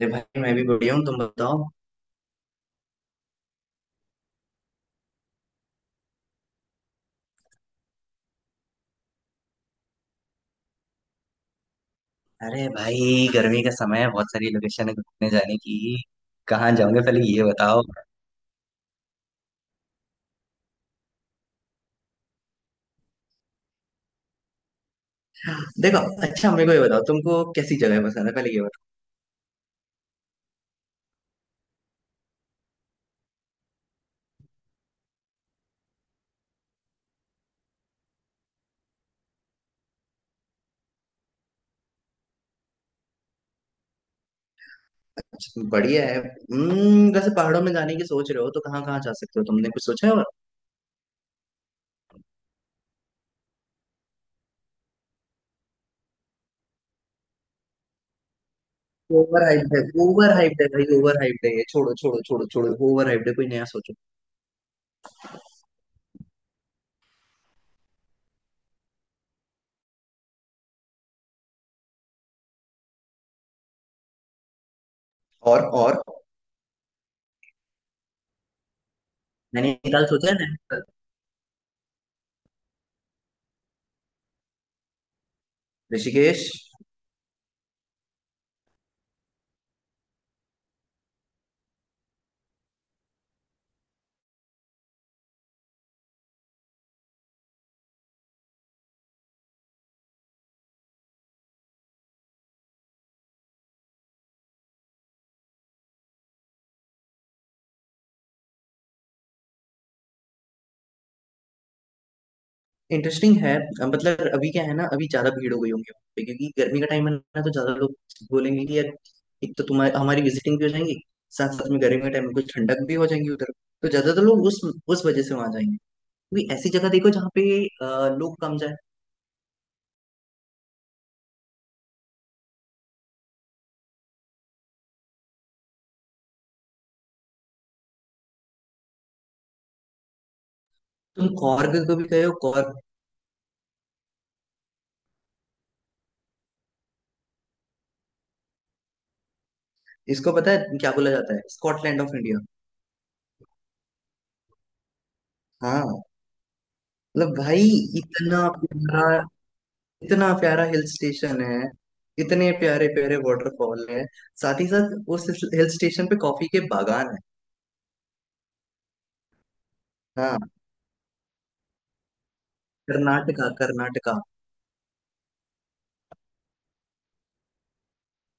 अरे भाई, मैं भी बढ़िया हूँ। तुम बताओ। अरे भाई, गर्मी का समय है, बहुत सारी लोकेशन है घूमने जाने की। कहाँ जाओगे पहले ये बताओ। देखो, अच्छा मेरे को ये बताओ, तुमको कैसी जगह पसंद है, पहले ये बताओ। अच्छा, बढ़िया है। हम्म, वैसे पहाड़ों में जाने की सोच रहे हो तो कहाँ कहाँ जा सकते हो, तुमने कुछ सोचा है? और ओवर हाइप्ड है, ओवर हाइप्ड है भाई, ओवर हाइप्ड है, ये छोड़ो छोड़ो छोड़ो छोड़ो, ओवर हाइप्ड है, कोई नया सोचो। और, नैनीताल सोचा है? नैनीताल, ऋषिकेश। इंटरेस्टिंग है। मतलब अभी क्या है ना, अभी ज्यादा भीड़ हो गई होगी वहाँ पे, क्योंकि गर्मी का टाइम है ना, तो ज्यादा लोग बोलेंगे कि यार, एक तो तुम्हारी हमारी विजिटिंग भी हो जाएंगी, साथ साथ में गर्मी के टाइम में कुछ ठंडक भी हो जाएंगी उधर। तो ज्यादातर लोग उस वजह से वहां जाएंगे। क्योंकि ऐसी जगह देखो जहाँ पे लोग कम जाए। तुम कॉर्ग को भी गए हो? कॉर्ग, इसको पता है क्या बोला जाता है? Scotland of India. हाँ। मतलब भाई, इतना प्यारा, इतना प्यारा हिल स्टेशन है, इतने प्यारे प्यारे वाटरफॉल है साथ ही साथ उस हिल स्टेशन पे कॉफी के बागान है हाँ, कर्नाटका कर्नाटका।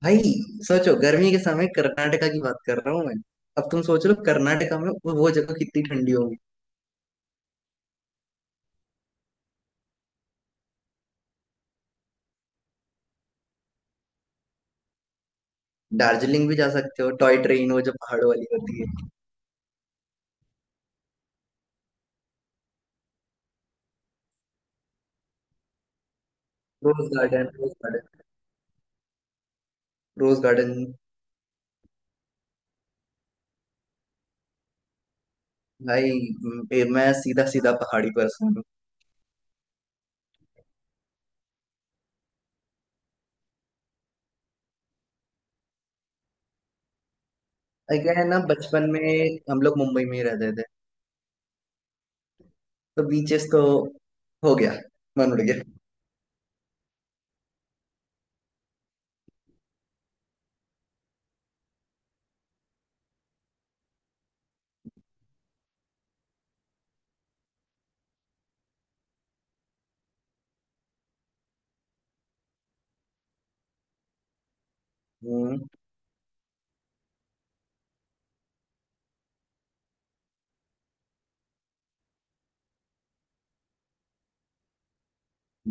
भाई सोचो, गर्मी के समय कर्नाटका की बात कर रहा हूँ मैं। अब तुम सोच लो कर्नाटका में वो जगह कितनी ठंडी होगी। दार्जिलिंग भी जा सकते हो, टॉय ट्रेन वो जो पहाड़ों वाली होती है। Rose garden, rose garden, rose garden. भाई, मैं सीधा सीधा पहाड़ी पर्सन हूँ। अगेन ना, बचपन में हम लोग मुंबई में ही रहते थे, तो बीचेस तो हो गया, मन उड़ गया। हम्म,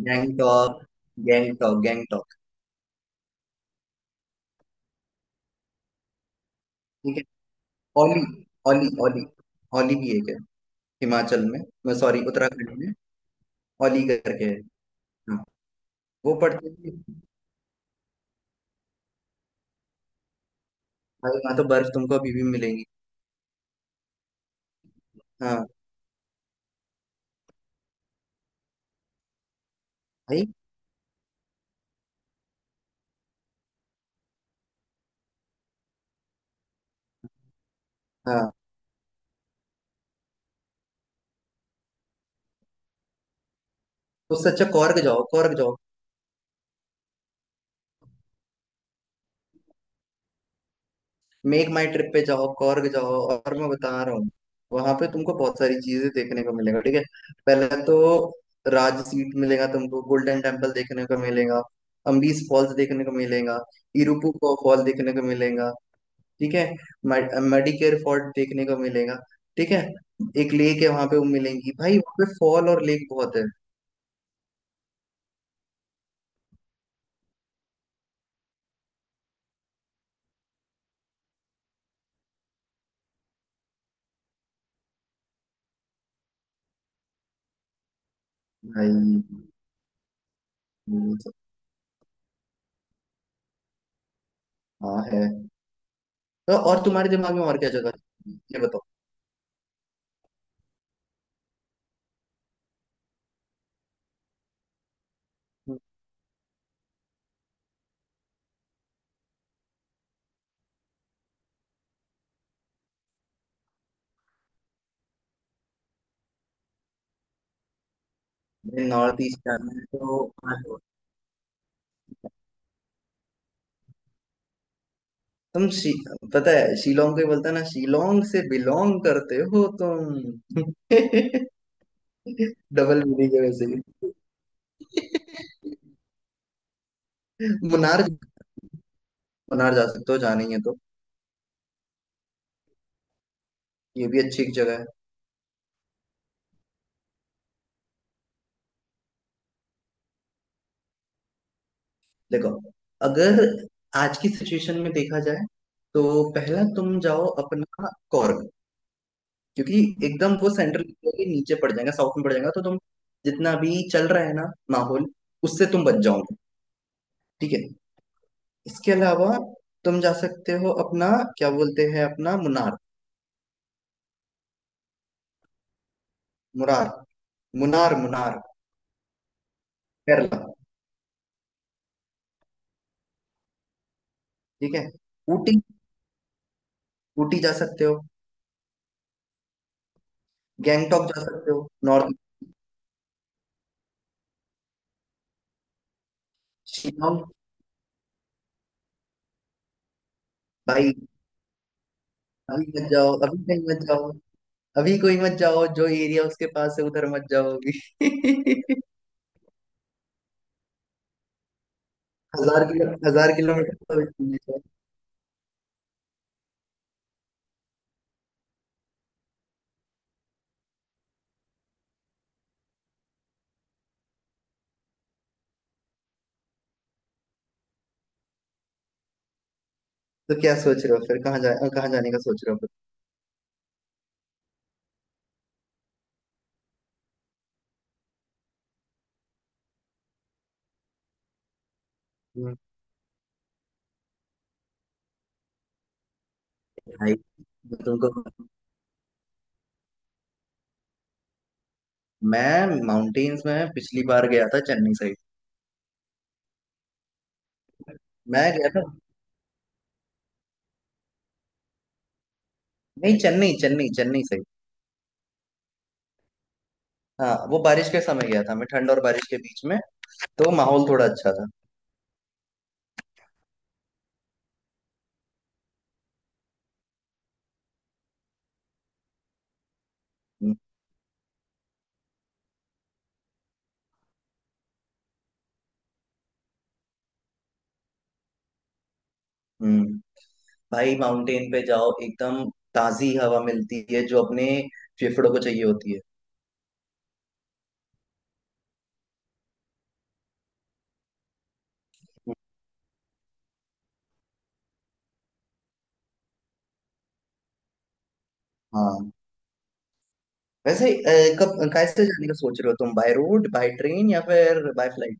गैंगटॉक, गैंगटॉक, गैंगटॉक। ठीक है, ओली, ओली, ओली, ओली भी एक है, हिमाचल में। मैं सॉरी, उत्तराखंड में। ओली करके है। हाँ, वो पढ़ते थे। भाई वहाँ तो बर्फ तुमको अभी भी मिलेंगी। हाँ। भाई, हाँ, तो उससे अच्छा कॉर्ग जाओ, कॉर्ग जाओ। मेक माई ट्रिप पे जाओ, कॉर्ग जाओ, और मैं बता रहा हूँ, वहां पे तुमको बहुत सारी चीजें देखने को मिलेगा ठीक है? पहले तो राज सीट मिलेगा तुमको, गोल्डन टेम्पल देखने को मिलेगा, अम्बीस फॉल्स देखने को मिलेगा, इरुपु को फॉल देखने को मिलेगा। ठीक है? मेडिकेयर फोर्ट देखने को मिलेगा। ठीक है? एक लेक है वहां पे, वो मिलेंगी। भाई वहां पे फॉल और लेक बहुत है भाई ये सब- हाँ, है तो। और तुम्हारे दिमाग में और क्या जगह है? ये बताओ। नॉर्थ ईस्ट जाना है तो तुम शी- पता है शिलोंग को ही बोलता है ना, शिलोंग से बिलोंग करते हो तुम। डबल मीनिंग है वैसे भी। मुनार, मुनार जा सकते हो, जाना ही है तो। ये भी अच्छी एक जगह है। देखो, अगर आज की सिचुएशन में देखा जाए, तो पहला तुम जाओ अपना कौर्ग। क्योंकि एकदम वो सेंट्रल के नीचे पड़ जाएगा, साउथ में पड़ जाएगा, तो तुम जितना भी चल रहा है ना माहौल, उससे तुम बच जाओगे। ठीक है? इसके अलावा तुम जा सकते हो अपना, क्या बोलते हैं, अपना मुनार, मुरार, मुनार, मुनार केरला। ठीक है? ऊटी, ऊटी जा सकते हो, गैंगटॉक जा सकते हो नॉर्थ, शिलोंग। भाई अभी मत जाओ, अभी कहीं मत जाओ, अभी कोई मत जाओ, जो एरिया उसके पास है उधर मत जाओगी। 1000 किलो, 1000 किलोमीटर तो दूर है। तो क्या सोच रहे हो फिर? कहाँ जा, कहाँ जाने का सोच रहे हो फिर? हम्म। भाई, मैं तुमको, मैं माउंटेन्स में पिछली बार गया था चेन्नई साइड। मैं गया था। नहीं, चेन्नई चेन्नई, चेन्नई से। हाँ, वो बारिश के समय गया था मैं, ठंड और बारिश के बीच में, तो माहौल थोड़ा अच्छा था। हम्म हम्म। भाई माउंटेन पे जाओ, एकदम ताजी हवा मिलती है जो अपने फेफड़ों को चाहिए होती है। हाँ, वैसे कब कैसे जाने का सोच रहे हो तुम, बाय रोड, बाय ट्रेन या फिर बाय फ्लाइट?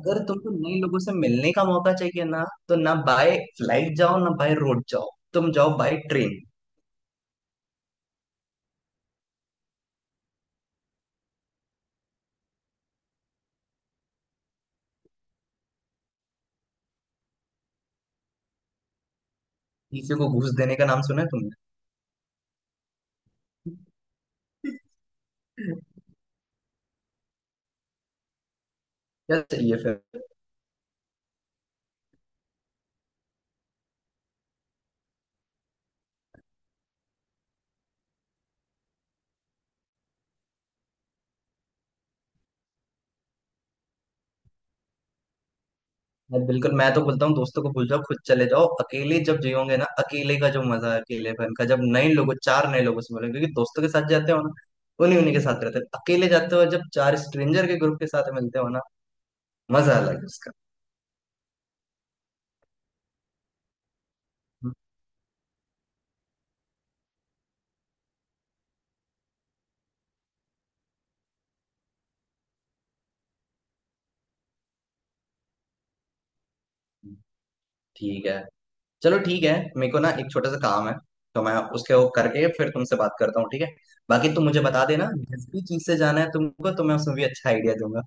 अगर तुमको नए लोगों से मिलने का मौका चाहिए ना, तो ना बाय फ्लाइट जाओ, ना बाय रोड जाओ, तुम जाओ बाय ट्रेन। किसी को घूस देने का नाम सुना है तुमने? क्या चाहिए फिर? मैं बिल्कुल, मैं तो बोलता हूँ दोस्तों को भूल जाओ, खुद चले जाओ अकेले। जब जियोगे ना अकेले का जो मजा है अकेलेपन का, जब नए लोगों, चार नए लोगों से मिलोगे, क्योंकि दोस्तों के साथ जाते हो ना, उन्हीं उन्हीं के साथ रहते हो। अकेले जाते हो जब चार स्ट्रेंजर के ग्रुप के साथ मिलते हो ना, मजा अलग है उसका। हम्म। ठीक है, चलो ठीक है। मेरे को ना एक छोटा सा काम है, तो मैं उसके वो करके फिर तुमसे बात करता हूँ, ठीक है? बाकी तुम मुझे बता देना जिस भी चीज से जाना है तुमको, तो मैं उसमें भी अच्छा आइडिया दूंगा।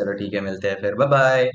चलो ठीक है, मिलते हैं फिर, बाय बाय।